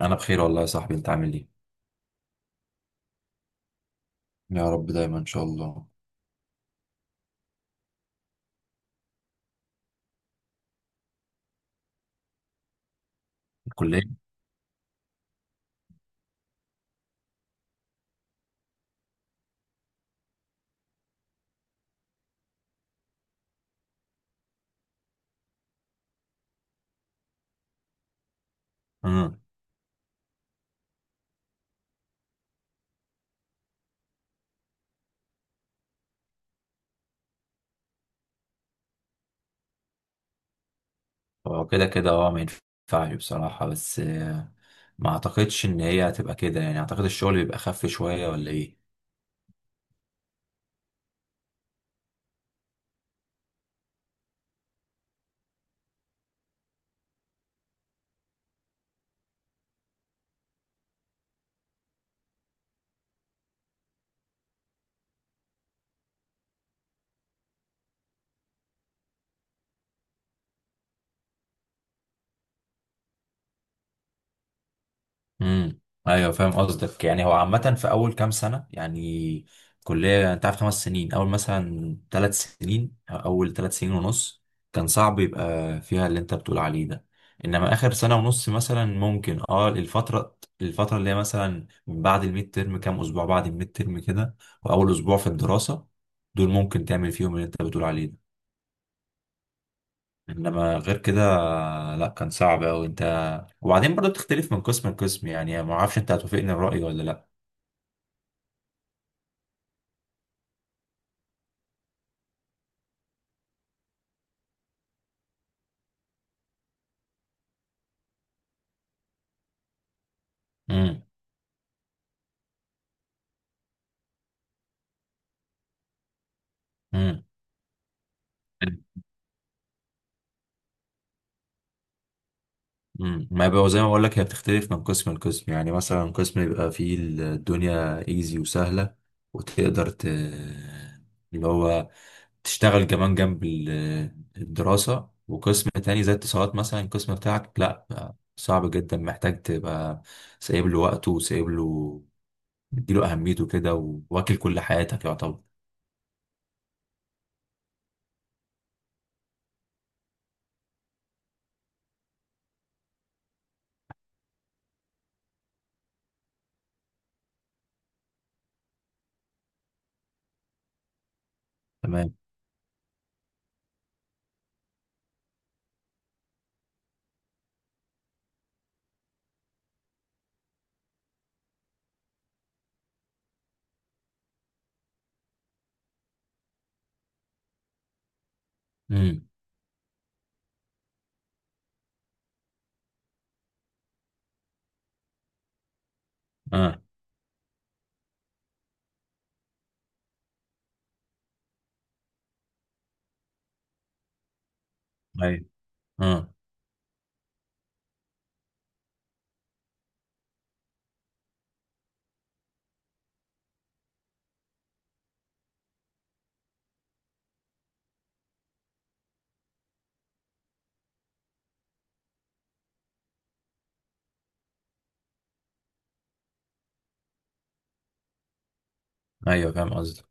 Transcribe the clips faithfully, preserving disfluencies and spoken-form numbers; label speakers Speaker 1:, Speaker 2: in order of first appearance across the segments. Speaker 1: انا بخير والله يا صاحبي، انت عامل ايه؟ يا رب دايما ان شاء الله. الكليه. امم. هو كده كده اه ما ينفعش بصراحه، بس آه، ما اعتقدش ان هي هتبقى كده، يعني اعتقد الشغل بيبقى خف شويه ولا ايه. امم. ايوه فاهم قصدك، يعني هو عامة في اول كام سنة يعني كلية انت عارف خمس سنين، اول مثلا ثلاث سنين أو اول ثلاث سنين ونص كان صعب يبقى فيها اللي انت بتقول عليه ده. انما اخر سنة ونص مثلا ممكن اه الفترة الفترة اللي هي مثلا من بعد الميد ترم، كام اسبوع بعد الميد ترم كده، واول اسبوع في الدراسة، دول ممكن تعمل فيهم اللي انت بتقول عليه ده. انما غير كده لا، كان صعب اوي انت. وبعدين برضه بتختلف من قسم لقسم، يعني ما اعرفش انت هتوافقني الرأي ولا لا. امم. امم. امم. ما بقى زي ما بقول لك، هي بتختلف من قسم لقسم، يعني مثلا قسم يبقى فيه الدنيا ايزي وسهله وتقدر ت... اللي هو تشتغل كمان جنب ال- الدراسه، وقسم تاني زي اتصالات مثلا، القسم بتاعك لا بقى صعب جدا، محتاج تبقى سايب له وقته وسايب له مديله اهميته كده، واكل كل حياتك يعتبر. تمام. امم. اه. ايوه. اه. ايوه فاهم قصدك.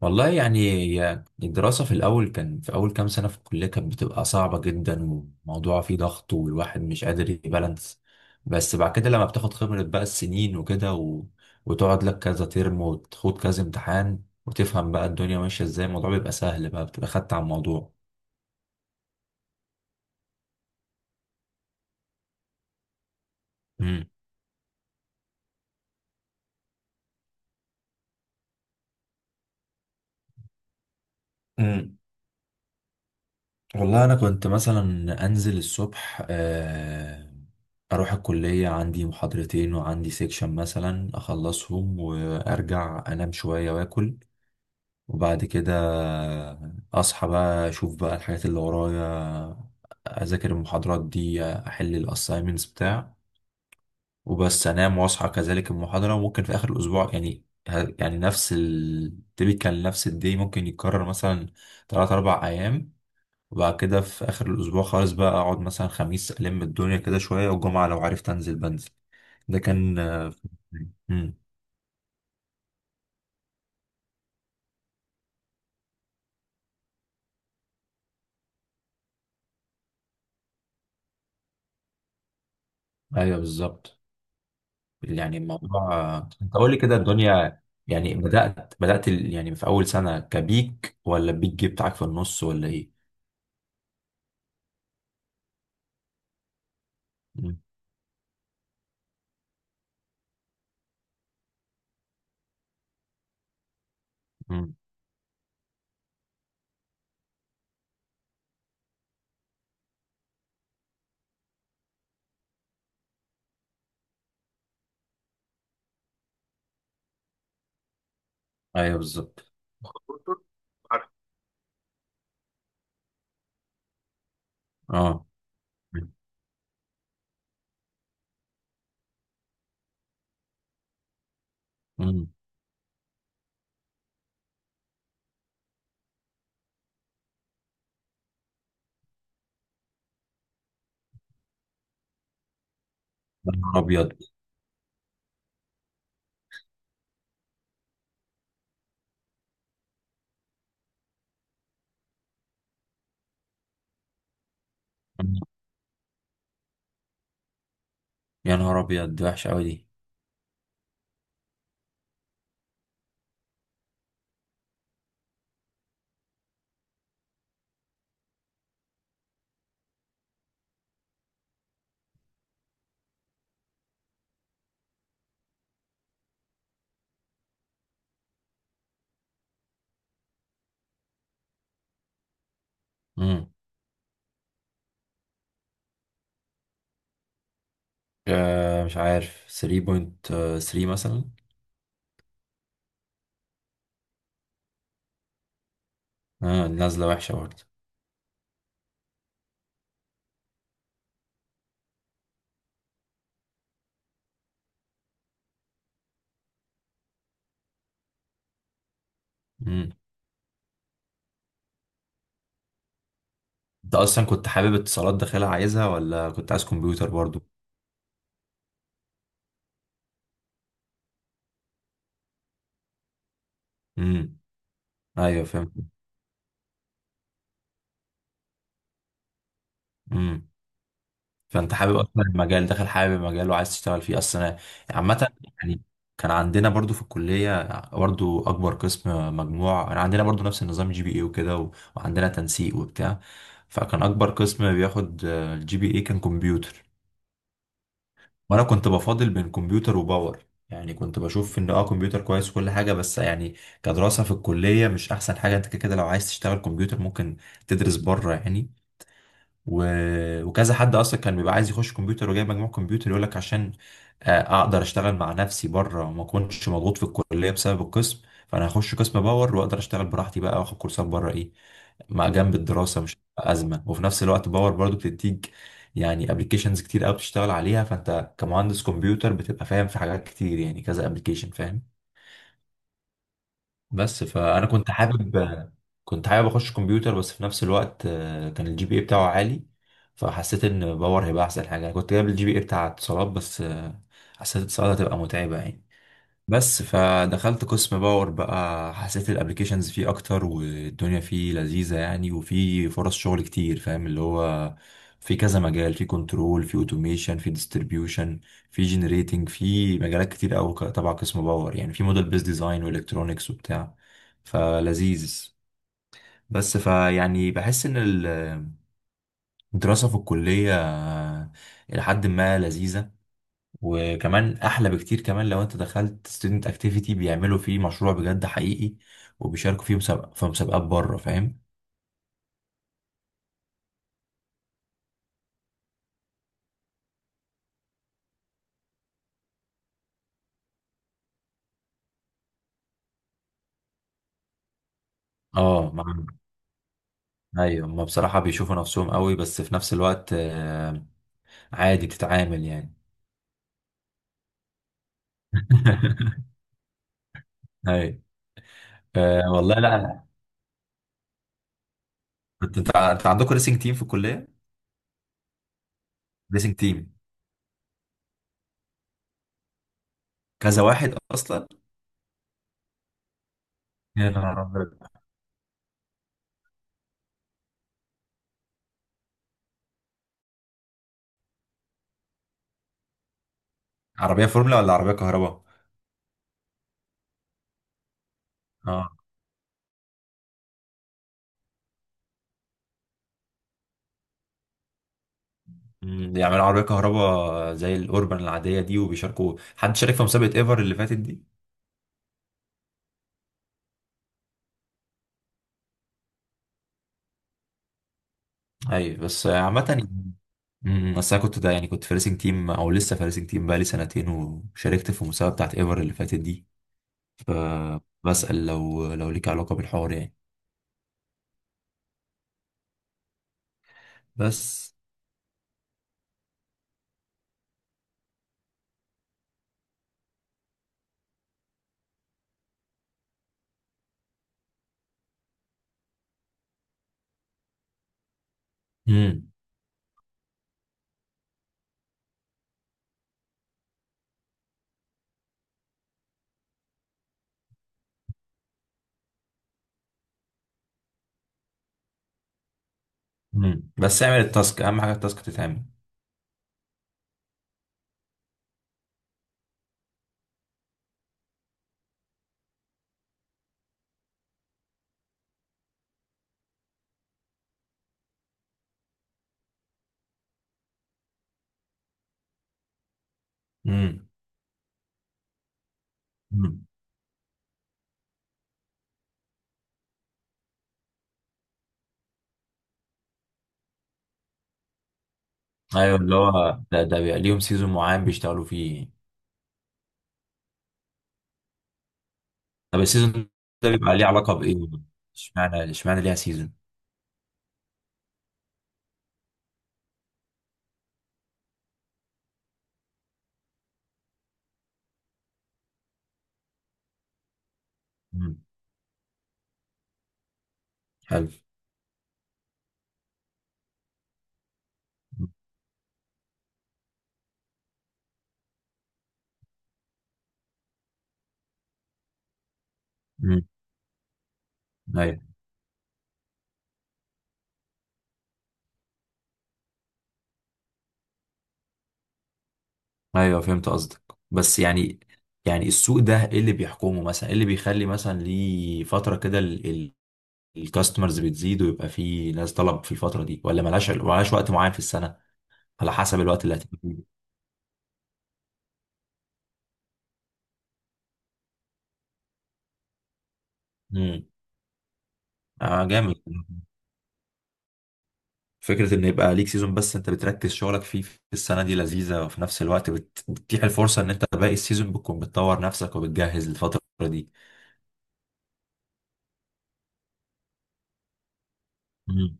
Speaker 1: والله يعني هي الدراسة في الأول، كان في أول كام سنة في الكلية كانت بتبقى صعبة جدا، والموضوع فيه ضغط والواحد مش قادر يبالانس. بس بعد كده لما بتاخد خبرة بقى السنين وكده و... وتقعد لك كذا ترم وتخوض كذا امتحان وتفهم بقى الدنيا ماشية ازاي، الموضوع بيبقى سهل بقى، بتبقى خدت على الموضوع. مم. امم. والله أنا كنت مثلا أنزل الصبح آه، أروح الكلية، عندي محاضرتين وعندي سيكشن مثلا أخلصهم، وأرجع أنام شوية وآكل، وبعد كده اصحى بقى اشوف بقى الحاجات اللي ورايا، اذاكر المحاضرات دي، احل الاساينمنتس بتاع، وبس انام واصحى كذلك المحاضره، وممكن في اخر الاسبوع يعني ه- يعني نفس التبيكال نفس الدي ممكن يتكرر مثلا تلات اربع ايام. وبعد كده في اخر الاسبوع خالص بقى اقعد مثلا خميس الم الدنيا كده شويه، والجمعه لو عرفت انزل بنزل. ده كان. مم. ايوه بالظبط. يعني الموضوع انت قول لي كده الدنيا، يعني بدأت بدأت ال- يعني في أول سنة كبيك ولا البيك جي بتاعك في النص ولا إيه؟ مم. مم. أيوه بالظبط. عارف. أه. مم. يا نهار أبيض. مم. يا نهار أبيض، دي وحشة أوي دي. مم. آه مش عارف ثري بوينت ثري مثلا. آه نازلة وحشة برضه. مم. أنت أصلا كنت حابب اتصالات داخلها عايزها ولا كنت عايز كمبيوتر برضه؟ مم. أيوه فهمت. فانت حابب اصلا المجال، داخل حابب المجال وعايز تشتغل فيه اصلا. عامه يعني كان عندنا برضو في الكليه، برضو اكبر قسم مجموع، انا عندنا برضو نفس النظام جي بي اي وكده و- وعندنا تنسيق وبتاع، فكان اكبر قسم بياخد الجي بي اي كان كمبيوتر. وانا كنت بفاضل بين كمبيوتر وباور، يعني كنت بشوف ان اه كمبيوتر كويس وكل حاجه، بس يعني كدراسه في الكليه مش احسن حاجه، انت كده كده لو عايز تشتغل كمبيوتر ممكن تدرس بره يعني و... وكذا حد اصلا كان بيبقى عايز يخش كمبيوتر وجايب مجموع كمبيوتر يقول لك عشان آه، اقدر اشتغل مع نفسي بره وما اكونش مضغوط في الكليه بسبب القسم، فانا هخش قسم باور واقدر اشتغل براحتي بقى، واخد كورسات بره ايه مع جنب الدراسه مش هتبقى ازمه، وفي نفس الوقت باور برضو بتديك يعني ابلكيشنز كتير قوي بتشتغل عليها، فانت كمهندس كمبيوتر بتبقى فاهم في حاجات كتير، يعني كذا ابلكيشن فاهم. بس فانا كنت حابب كنت حابب اخش كمبيوتر، بس في نفس الوقت آه، كان الجي بي اي بتاعه عالي، فحسيت ان باور هيبقى احسن حاجه. أنا كنت جايب الجي بي اي بتاع اتصالات، بس آه، حسيت اتصالات هتبقى متعبه يعني. بس فدخلت قسم باور بقى، حسيت الابليكيشنز فيه اكتر والدنيا فيه لذيذة يعني، وفي فرص شغل كتير فاهم اللي هو، في كذا مجال، في كنترول، في اوتوميشن، في ديستريبيوشن، في جنريتنج، في مجالات كتير قوي تبع قسم باور، يعني في موديل بيز ديزاين والكترونكس وبتاع، فلذيذ. بس فيعني بحس ان ال- الدراسة في الكلية إلى حد ما لذيذة، وكمان احلى بكتير كمان لو انت دخلت ستودنت اكتيفيتي، بيعملوا فيه مشروع بجد حقيقي، وبيشاركوا فيه مسابقة في مسابقات بره فاهم. اه. مع. ايوه، ما بصراحة بيشوفوا نفسهم قوي، بس في نفس الوقت آه، عادي بتتعامل يعني. ايوه. آه، والله لا. انت انت انت عندكم ريسنج تيم في الكلية؟ ريسنج تيم. كذا واحد اصلا؟ يا نهار أبيض. عربية فورمولا ولا عربية كهرباء؟ اه. أمم، بيعملوا عربية كهرباء زي الأوربان العادية دي، وبيشاركوا؟ حد شارك في مسابقة ايفر اللي فاتت دي؟ ايوه بس عامة يعني- أمم، بس انا كنت ده، يعني كنت فارسنج تيم او لسه فارسنج تيم بقالي سنتين، وشاركت في المسابقة بتاعت ايفر اللي فاتت دي، فبسأل لو لو ليك علاقة بالحوار يعني. بس. امم. امم. بس اعمل التاسك، اهم حاجة التاسك تتعمل. امم. امم. ايوه، اللي هو ده ده بيبقى ليهم سيزون معين بيشتغلوا فيه. طب السيزون ده بيبقى ليه علاقة بايه؟ اشمعنى اشمعنى ليها سيزون؟ امم. حلو. امم. ايوه. ايوه فهمت قصدك، بس يعني يعني السوق ده ايه اللي بيحكمه؟ مثلا ايه اللي بيخلي مثلا ليه فتره كده الكاستمرز بتزيد ويبقى فيه ناس طلب في الفتره دي؟ ولا ملهاش ملهاش وقت معين في السنه؟ على حسب الوقت اللي هتبقى فيه. امم. آه جامد، فكره ان يبقى ليك سيزون بس انت بتركز شغلك فيه في السنه دي لذيذه، وفي نفس الوقت بت- بتتيح الفرصه ان انت باقي السيزون بتكون بتطور نفسك وبتجهز للفتره دي. امم.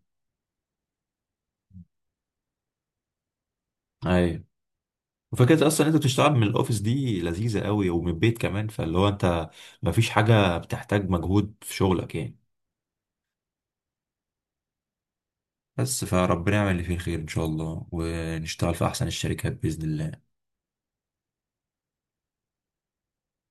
Speaker 1: ايوه. وفكرة أصلا أنت بتشتغل من الأوفيس دي لذيذة قوي، ومن البيت كمان، فاللي هو أنت مفيش حاجة بتحتاج مجهود في شغلك يعني. بس فربنا يعمل اللي فيه الخير إن شاء الله، ونشتغل في أحسن الشركات بإذن الله.